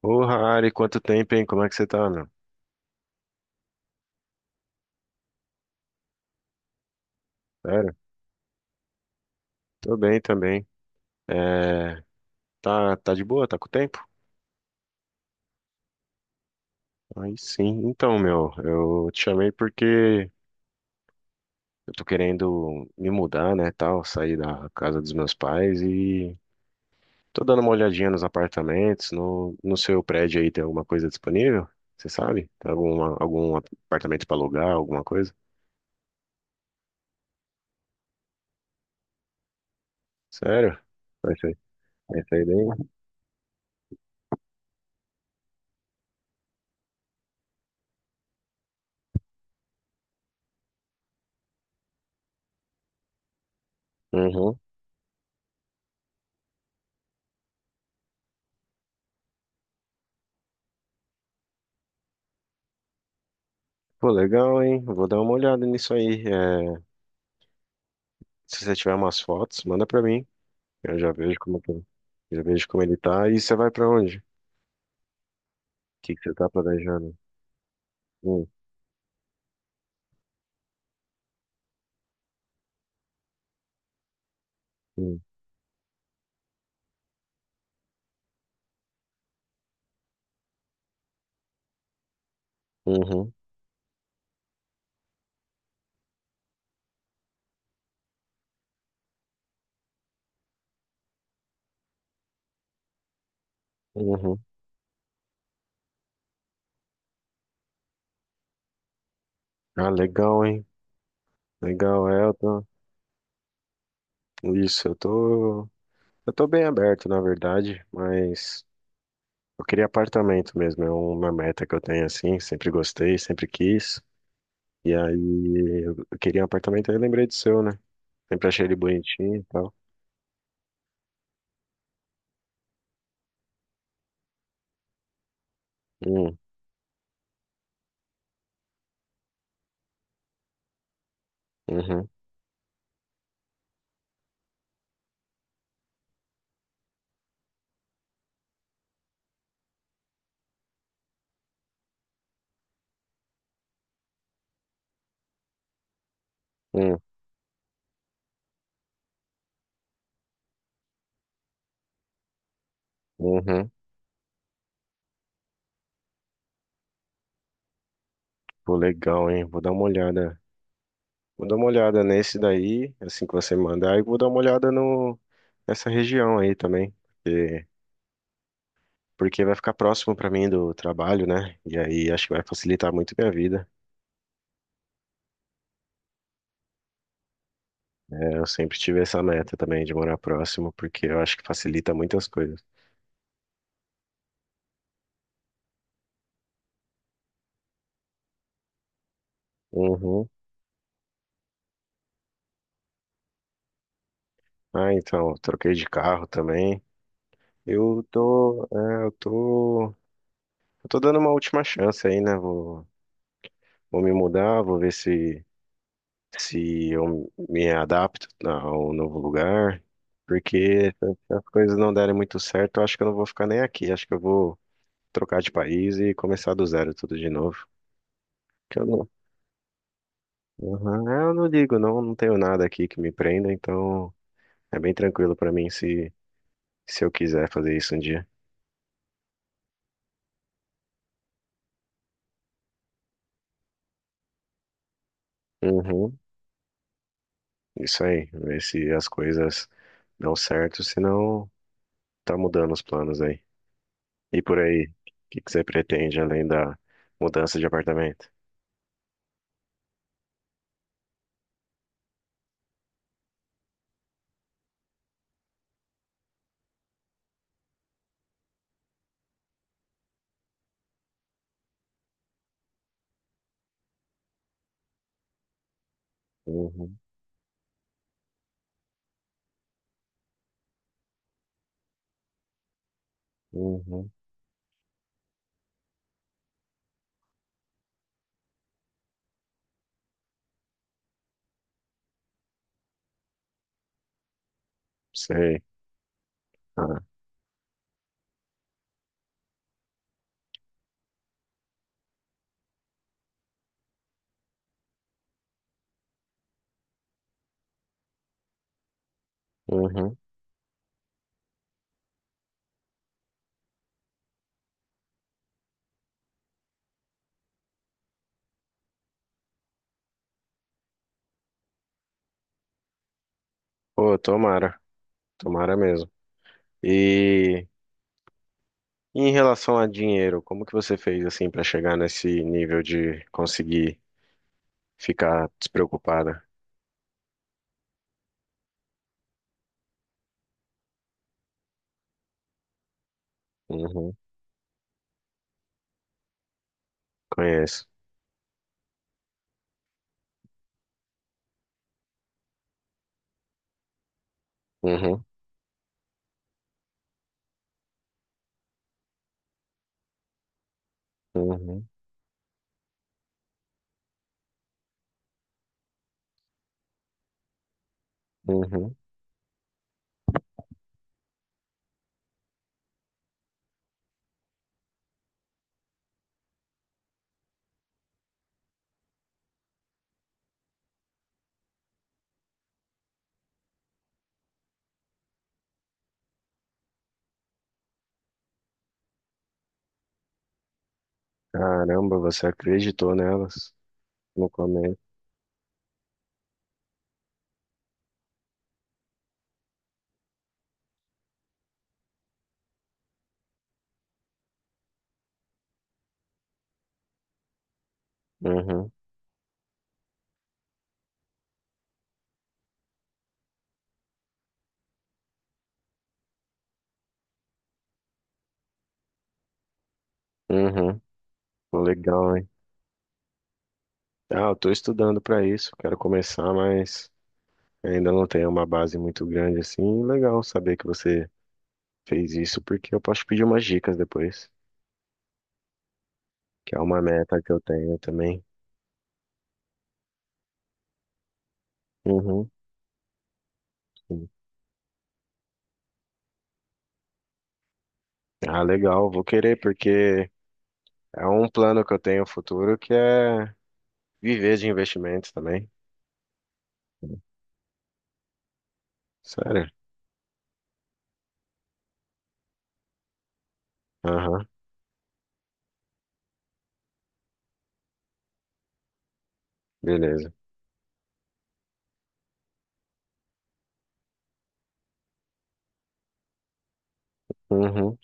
Ô, Harry, quanto tempo, hein? Como é que você tá, meu? Sério? Tô bem também. É, tá, de boa? Tá com tempo? Aí sim. Então, meu, eu te chamei porque eu tô querendo me mudar, né, tal, sair da casa dos meus pais e tô dando uma olhadinha nos apartamentos, no seu prédio aí tem alguma coisa disponível? Você sabe? Tem algum apartamento pra alugar, alguma coisa? Sério? Vai sair, vai sair daí? Uhum. Pô, legal, hein? Vou dar uma olhada nisso aí. É, se você tiver umas fotos, manda pra mim. Eu já vejo como que, é. Já vejo como ele tá. E você vai pra onde? O que que você tá planejando? Hum, hum, uhum, uhum. Ah, legal, hein? Legal, Elton. Isso, eu tô bem aberto, na verdade, mas eu queria apartamento mesmo. É uma meta que eu tenho assim, sempre gostei, sempre quis. E aí eu queria um apartamento, aí eu lembrei do seu, né? Sempre achei ele bonitinho e tal. Hum, uhum, hum, uhum. Pô, legal, hein? Vou dar uma olhada. Vou dar uma olhada nesse daí, assim que você mandar, e vou dar uma olhada no nessa região aí também, porque, porque vai ficar próximo pra mim do trabalho, né? E aí acho que vai facilitar muito minha vida. É, eu sempre tive essa meta também de morar próximo, porque eu acho que facilita muitas coisas. Uhum. Ah, então, eu troquei de carro também. Eu tô, é, eu tô dando uma última chance aí, né? Vou me mudar, vou ver se eu me adapto ao novo lugar, porque se as coisas não derem muito certo, eu acho que eu não vou ficar nem aqui. Acho que eu vou trocar de país e começar do zero tudo de novo. Que eu não, Aham, é, eu não ligo, não, não tenho nada aqui que me prenda, então é bem tranquilo pra mim se eu quiser fazer isso um dia. Uhum, isso aí, ver se as coisas dão certo, senão tá mudando os planos aí. E por aí, o que que você pretende além da mudança de apartamento? Uhum. Uhum. Sei. Ah, uhum. Pô, tomara. Tomara mesmo. E em relação a dinheiro, como que você fez assim pra chegar nesse nível de conseguir ficar despreocupada? Uhum. Conheço. Uhum. Uhum. Uhum. Caramba, você acreditou nelas no começo. Uhum. Uhum. Legal, hein? Ah, eu tô estudando pra isso. Quero começar, mas ainda não tenho uma base muito grande assim. Legal saber que você fez isso, porque eu posso pedir umas dicas depois, que é uma meta que eu tenho também. Uhum, sim. Ah, legal, vou querer porque é um plano que eu tenho futuro que é viver de investimentos também. Sério? Aham, beleza. Uhum.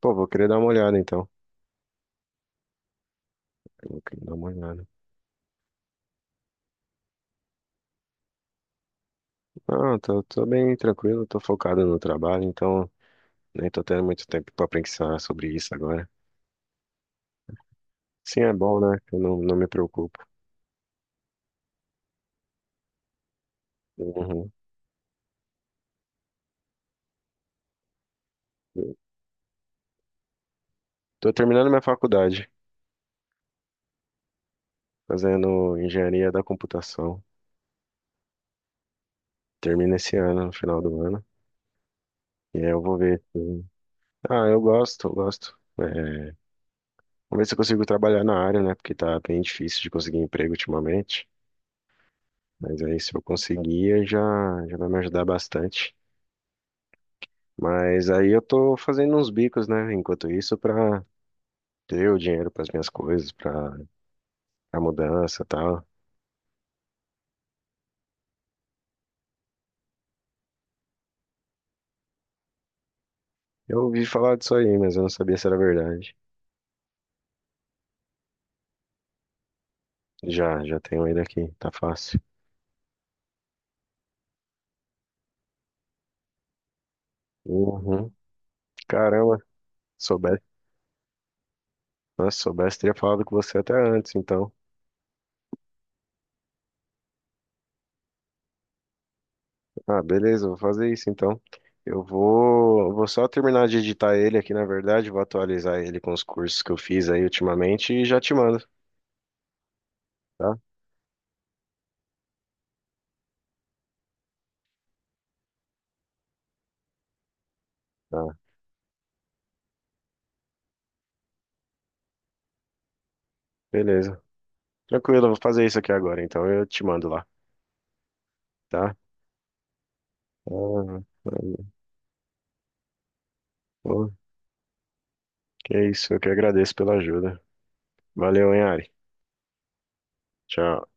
Pô, vou querer dar uma olhada então. Vou querer dar uma olhada. Ah, tô, tô bem tranquilo, tô focado no trabalho, então nem tô tendo muito tempo pra pensar sobre isso agora. Sim, é bom, né? Eu não, não me preocupo. Uhum. Tô terminando minha faculdade. Fazendo engenharia da computação. Termina esse ano, no final do ano. E aí eu vou ver. Se- ah, eu gosto, eu gosto. É, vamos ver se eu consigo trabalhar na área, né? Porque tá bem difícil de conseguir emprego ultimamente. Mas aí se eu conseguir, já vai me ajudar bastante. Mas aí eu tô fazendo uns bicos, né? Enquanto isso, pra ter o dinheiro para as minhas coisas, pra a mudança e tal. Eu ouvi falar disso aí, mas eu não sabia se era verdade. Já, já tenho ele aqui, tá fácil. Uhum. Caramba, soubesse. Nossa, se soubesse, teria falado com você até antes, então. Ah, beleza, vou fazer isso então. Vou só terminar de editar ele aqui, na verdade, vou atualizar ele com os cursos que eu fiz aí ultimamente e já te mando, tá? Tá, beleza. Tranquilo, eu vou fazer isso aqui agora, então eu te mando lá, tá? Ah, valeu. Pô, que isso, eu que agradeço pela ajuda. Valeu, hein, Ari. Tchau.